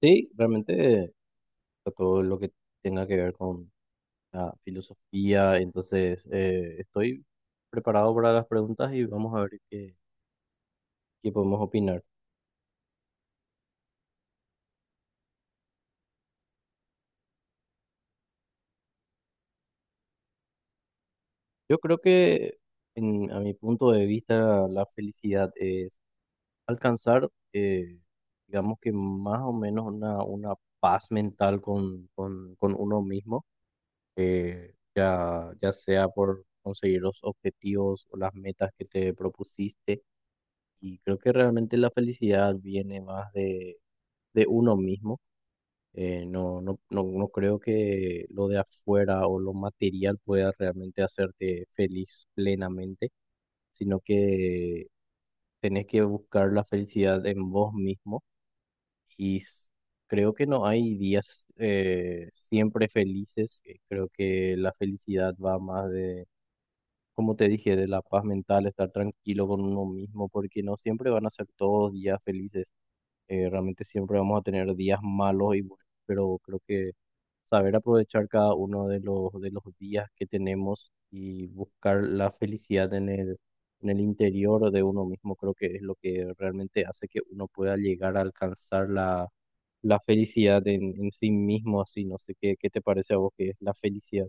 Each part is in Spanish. Sí, realmente a todo lo que tenga que ver con la filosofía, entonces estoy preparado para las preguntas y vamos a ver qué podemos opinar. Yo creo que a mi punto de vista la felicidad es alcanzar, digamos que más o menos una paz mental con uno mismo, ya sea por conseguir los objetivos o las metas que te propusiste. Y creo que realmente la felicidad viene más de uno mismo. No creo que lo de afuera o lo material pueda realmente hacerte feliz plenamente, sino que tenés que buscar la felicidad en vos mismo. Y s- Creo que no hay días siempre felices. Creo que la felicidad va más, como te dije, de la paz mental, estar tranquilo con uno mismo, porque no siempre van a ser todos días felices. Realmente siempre vamos a tener días malos y buenos, pero creo que saber aprovechar cada uno de de los días que tenemos y buscar la felicidad en en el interior de uno mismo, creo que es lo que realmente hace que uno pueda llegar a alcanzar la felicidad en sí mismo. Así, no sé qué te parece a vos que es la felicidad.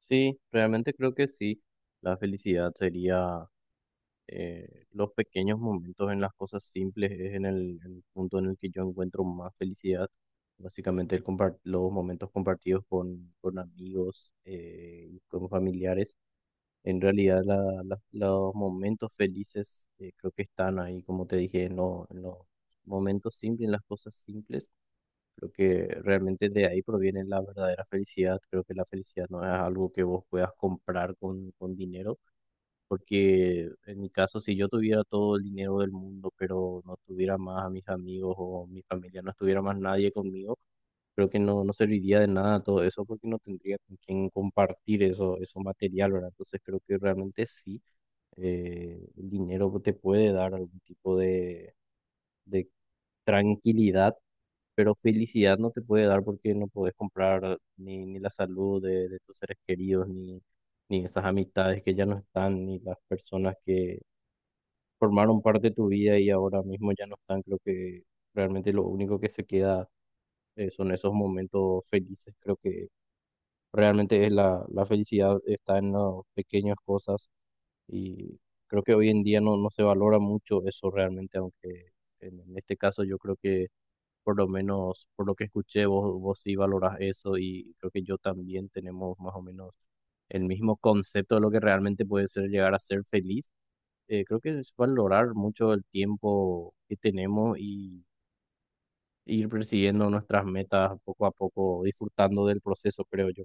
Sí, realmente creo que sí. La felicidad sería, los pequeños momentos en las cosas simples, es en el punto en el que yo encuentro más felicidad. Básicamente los momentos compartidos con amigos y con familiares. En realidad los momentos felices, creo que están ahí, como te dije, en, en los momentos simples, en las cosas simples. Creo que realmente de ahí proviene la verdadera felicidad. Creo que la felicidad no es algo que vos puedas comprar con dinero, porque en mi caso, si yo tuviera todo el dinero del mundo, pero no tuviera más a mis amigos o mi familia, no estuviera más nadie conmigo, creo que no serviría de nada todo eso porque no tendría con quién compartir eso, eso material, ¿verdad? Entonces creo que realmente sí, el dinero te puede dar algún tipo de tranquilidad, pero felicidad no te puede dar porque no podés comprar ni la salud de tus seres queridos, ni esas amistades que ya no están, ni las personas que formaron parte de tu vida y ahora mismo ya no están. Creo que realmente lo único que se queda, son esos momentos felices. Creo que realmente es la felicidad está en las pequeñas cosas, y creo que hoy en día no se valora mucho eso realmente, aunque en este caso yo creo que, por lo menos por lo que escuché, vos sí valorás eso, y creo que yo también tenemos más o menos el mismo concepto de lo que realmente puede ser llegar a ser feliz. Creo que es valorar mucho el tiempo que tenemos y ir persiguiendo nuestras metas poco a poco, disfrutando del proceso, creo yo.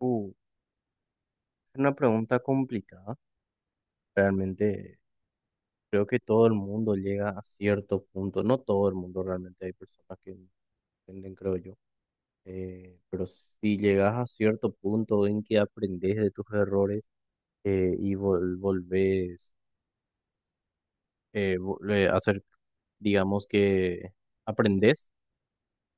Uh, es una pregunta complicada. Realmente creo que todo el mundo llega a cierto punto, no todo el mundo realmente, hay personas que entienden, creo yo, pero si llegas a cierto punto en que aprendes de tus errores, y volvés a hacer, digamos que aprendes,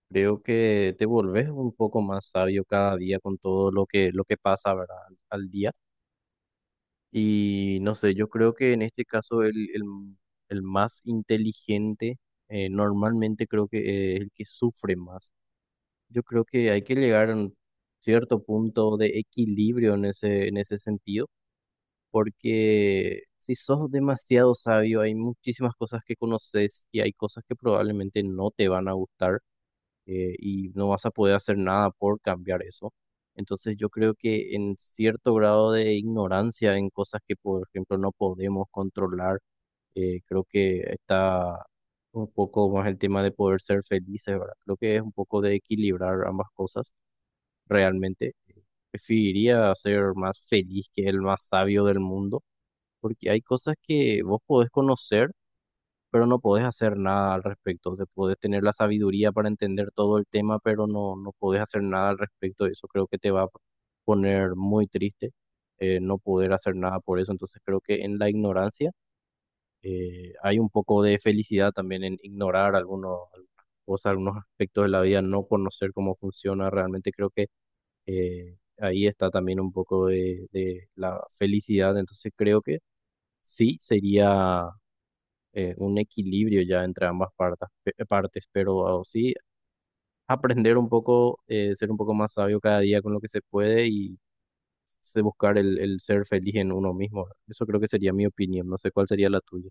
creo que te volvés un poco más sabio cada día con todo lo lo que pasa, ¿verdad? Al día. Y no sé, yo creo que en este caso el más inteligente, normalmente creo que, es el que sufre más. Yo creo que hay que llegar a un cierto punto de equilibrio en en ese sentido, porque si sos demasiado sabio, hay muchísimas cosas que conoces y hay cosas que probablemente no te van a gustar, y no vas a poder hacer nada por cambiar eso. Entonces yo creo que en cierto grado de ignorancia en cosas que, por ejemplo, no podemos controlar, creo que está un poco más el tema de poder ser felices, ¿verdad? Creo que es un poco de equilibrar ambas cosas. Realmente preferiría ser más feliz que el más sabio del mundo, porque hay cosas que vos podés conocer, pero no podés hacer nada al respecto. O sea, podés tener la sabiduría para entender todo el tema, pero no podés hacer nada al respecto. Eso creo que te va a poner muy triste, no poder hacer nada por eso. Entonces creo que en la ignorancia, hay un poco de felicidad también en ignorar algunas cosas, algunos aspectos de la vida, no conocer cómo funciona. Realmente creo que, ahí está también un poco de la felicidad, entonces creo que sí sería, un equilibrio ya entre ambas partes, pero sí aprender un poco, ser un poco más sabio cada día con lo que se puede y se buscar el ser feliz en uno mismo. Eso creo que sería mi opinión, no sé cuál sería la tuya.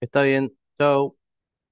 Está bien, chao.